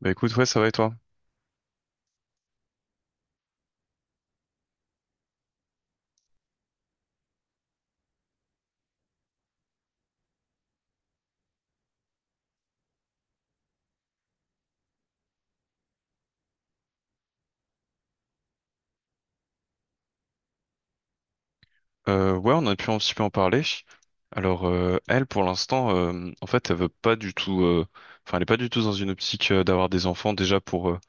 Bah écoute, ouais, ça va et toi? Ouais, on a pu un petit peu en parler. Alors, elle, pour l'instant, en fait, elle veut pas du tout. Enfin, elle est pas du tout dans une optique d'avoir des enfants déjà pour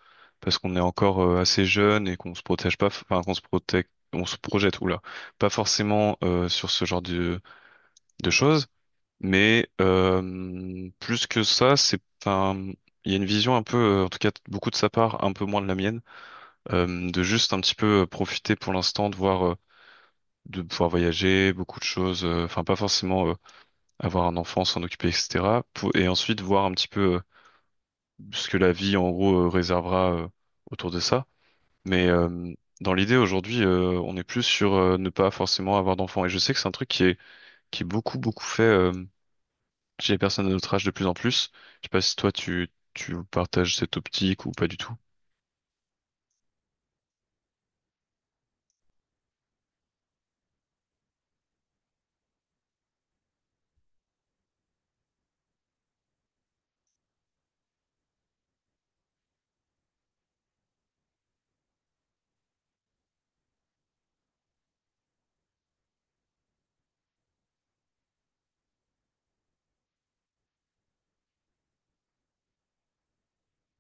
parce qu'on est encore assez jeune et qu'on se protège pas. Enfin, qu'on se protège, on se projette. Oula, pas forcément sur ce genre de choses. Mais plus que ça, c'est. Enfin, il y a une vision un peu, en tout cas, beaucoup de sa part, un peu moins de la mienne, de juste un petit peu profiter pour l'instant de voir. De pouvoir voyager, beaucoup de choses, enfin pas forcément avoir un enfant, s'en occuper, etc. Et ensuite voir un petit peu ce que la vie en gros réservera autour de ça. Mais dans l'idée aujourd'hui, on est plus sur ne pas forcément avoir d'enfant. Et je sais que c'est un truc qui est beaucoup beaucoup fait chez les personnes de notre âge de plus en plus. Je sais pas si toi tu partages cette optique ou pas du tout.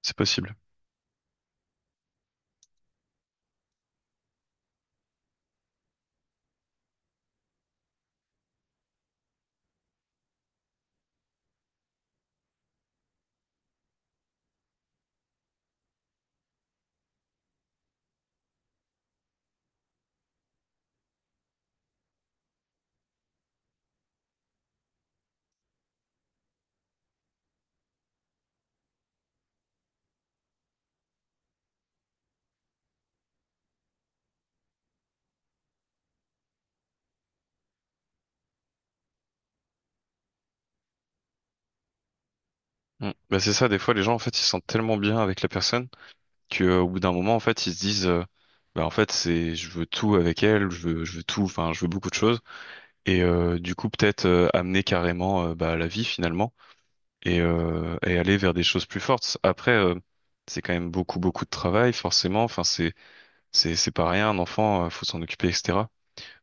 C'est possible. Mm. Bah c'est ça, des fois les gens en fait ils se sentent tellement bien avec la personne que au bout d'un moment en fait ils se disent bah en fait c'est je veux tout avec elle je veux tout enfin je veux beaucoup de choses et du coup peut-être amener carrément bah, à la vie finalement et aller vers des choses plus fortes après c'est quand même beaucoup beaucoup de travail forcément enfin c'est pas rien un enfant faut s'en occuper etc.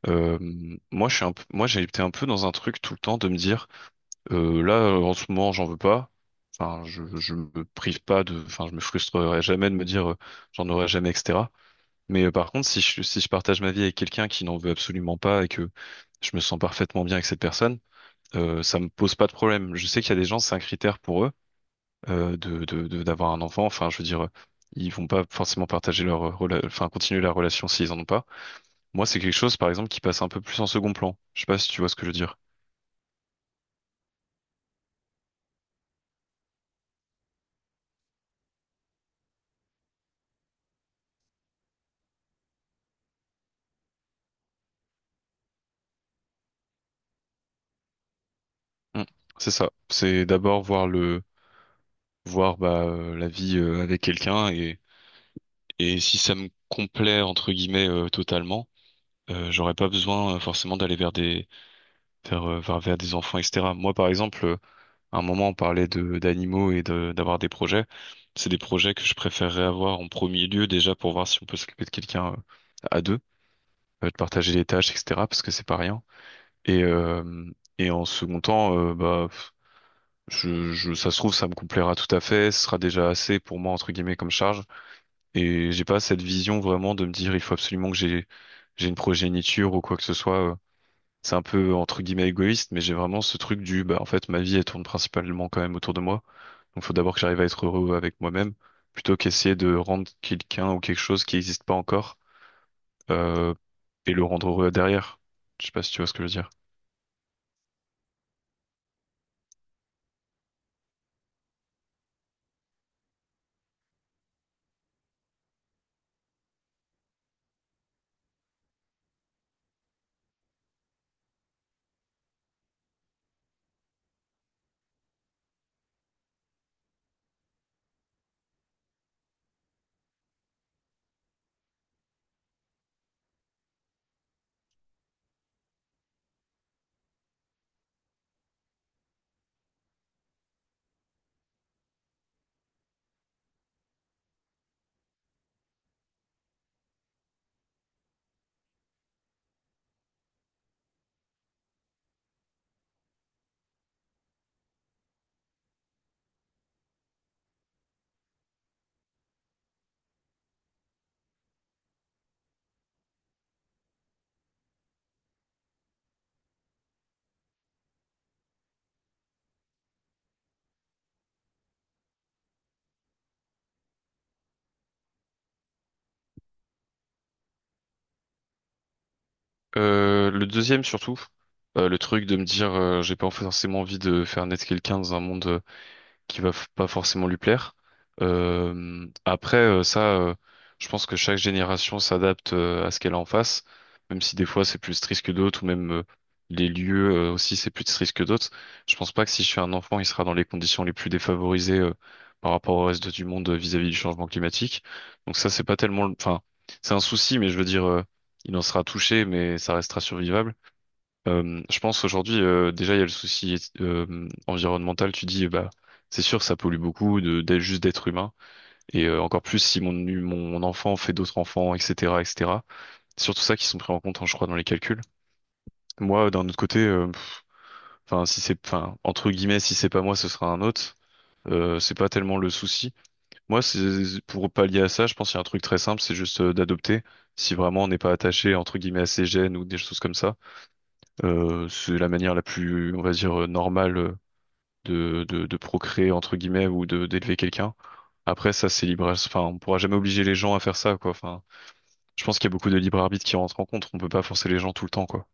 Euh, Moi je suis un peu, moi j'ai été un peu dans un truc tout le temps de me dire là en ce moment j'en veux pas enfin je me prive pas de enfin je me frustrerai jamais de me dire j'en aurai jamais etc. Mais par contre, si je partage ma vie avec quelqu'un qui n'en veut absolument pas et que je me sens parfaitement bien avec cette personne, ça me pose pas de problème. Je sais qu'il y a des gens, c'est un critère pour eux de, d'avoir un enfant. Enfin, je veux dire, ils vont pas forcément partager leur enfin continuer la relation s'ils en ont pas. Moi, c'est quelque chose, par exemple, qui passe un peu plus en second plan. Je sais pas si tu vois ce que je veux dire. Mm. C'est ça. C'est d'abord voir bah la vie avec quelqu'un et si ça me complaît entre guillemets totalement. J'aurais pas besoin forcément d'aller vers vers des enfants, etc. Moi, par exemple, à un moment, on parlait de d'animaux et d'avoir des projets. C'est des projets que je préférerais avoir en premier lieu déjà pour voir si on peut s'occuper de quelqu'un à deux, de partager les tâches, etc. Parce que c'est pas rien. Et euh, et en second temps, je ça se trouve ça me complaira tout à fait. Ce sera déjà assez pour moi entre guillemets comme charge. Et j'ai pas cette vision vraiment de me dire il faut absolument que j'ai une progéniture ou quoi que ce soit. C'est un peu entre guillemets égoïste, mais j'ai vraiment ce truc du bah en fait ma vie elle tourne principalement quand même autour de moi. Donc faut d'abord que j'arrive à être heureux avec moi-même, plutôt qu'essayer de rendre quelqu'un ou quelque chose qui n'existe pas encore euh, et le rendre heureux derrière. Je sais pas si tu vois ce que je veux dire. Le deuxième surtout, le truc de me dire j'ai pas forcément envie de faire naître quelqu'un dans un monde qui pas forcément lui plaire. Euh, après, euh, ça, euh, je pense que chaque génération s'adapte à ce qu'elle a en face, même si des fois c'est plus triste que d'autres, ou même les lieux aussi c'est plus triste que d'autres. Je pense pas que si je suis un enfant, il sera dans les conditions les plus défavorisées par rapport au reste du monde vis-à-vis du changement climatique. Donc ça, c'est pas tellement, le- enfin, c'est un souci, mais je veux dire, il en sera touché, mais ça restera survivable. Je pense aujourd'hui, déjà, il y a le souci environnemental. Tu dis, bah, c'est sûr, ça pollue beaucoup juste d'être humain. Et encore plus si mon enfant fait d'autres enfants, etc. C'est surtout ça qui sont pris en compte, hein, je crois, dans les calculs. Moi, d'un autre côté, enfin, si c'est, enfin, entre guillemets, si c'est pas moi, ce sera un autre. C'est pas tellement le souci. Moi, c'est pour pallier à ça, je pense qu'il y a un truc très simple, c'est juste d'adopter. Si vraiment on n'est pas attaché entre guillemets à ses gènes ou des choses comme ça, c'est la manière la plus, on va dire, normale de procréer entre guillemets ou de d'élever quelqu'un. Après ça c'est libre, enfin on pourra jamais obliger les gens à faire ça quoi. Enfin, je pense qu'il y a beaucoup de libre arbitre qui rentre en compte. On peut pas forcer les gens tout le temps quoi.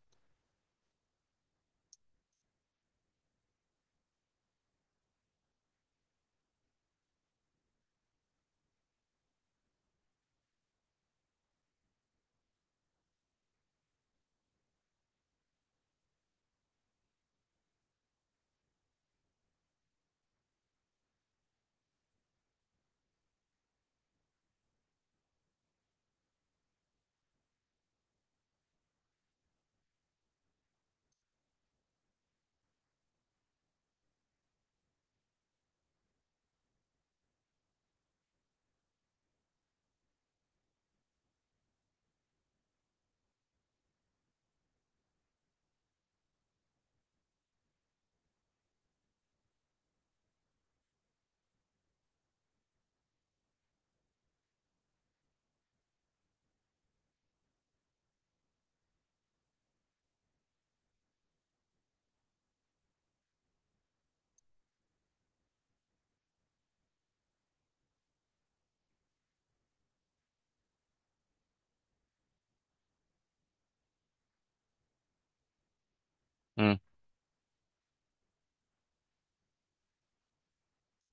Hmm.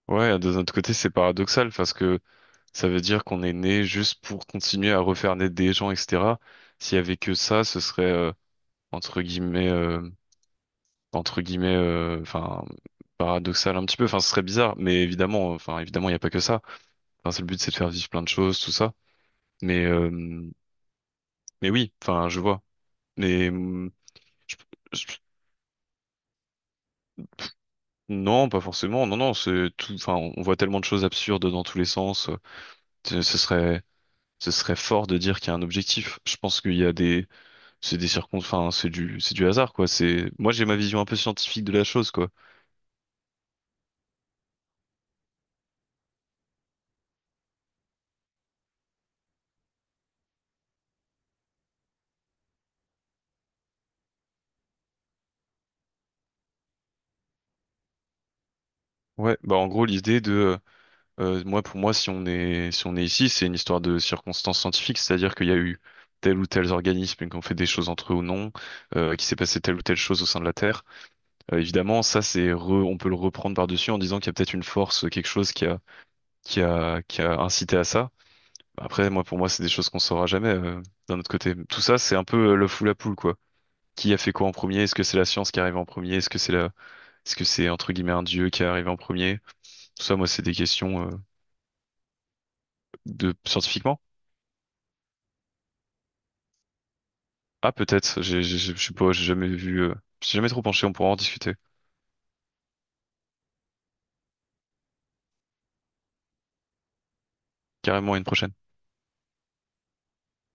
Ouais, de notre côté c'est paradoxal parce que ça veut dire qu'on est né juste pour continuer à refaire naître des gens etc. S'il y avait que ça, ce serait entre guillemets euh, entre guillemets enfin paradoxal un petit peu. Enfin ce serait bizarre, mais évidemment enfin évidemment il n'y a pas que ça. Enfin, c'est le but c'est de faire vivre plein de choses tout ça. Mais euh, Mais oui, enfin, je vois. Mais hum, je- je- non, pas forcément. Non, non, c'est tout. Enfin, on voit tellement de choses absurdes dans tous les sens. Ce ce serait, ce serait fort de dire qu'il y a un objectif. Je pense qu'il y a des, c'est des circon. Enfin, c'est du hasard, quoi. C'est, moi, j'ai ma vision un peu scientifique de la chose, quoi. Ouais. Bah, en gros, moi, pour moi, si on est ici, c'est une histoire de circonstances scientifiques, c'est-à-dire qu'il y a eu tel ou tel organisme qui ont fait des choses entre eux ou non, qui s'est passé telle ou telle chose au sein de la Terre. Évidemment, ça, on peut le reprendre par-dessus en disant qu'il y a peut-être une force, quelque chose qui a incité à ça. Après, moi, pour moi, c'est des choses qu'on saura jamais, d'un autre côté. Tout ça, c'est un peu le fou la poule, quoi. Qui a fait quoi en premier? Est-ce que c'est la science qui arrive en premier? Est-ce que c'est, entre guillemets, un dieu qui est arrivé en premier? Tout ça, moi, c'est des questions, scientifiquement. Ah, peut-être. Je sais pas, j'ai jamais vu, je suis jamais trop penché, on pourra en discuter. Carrément à une prochaine.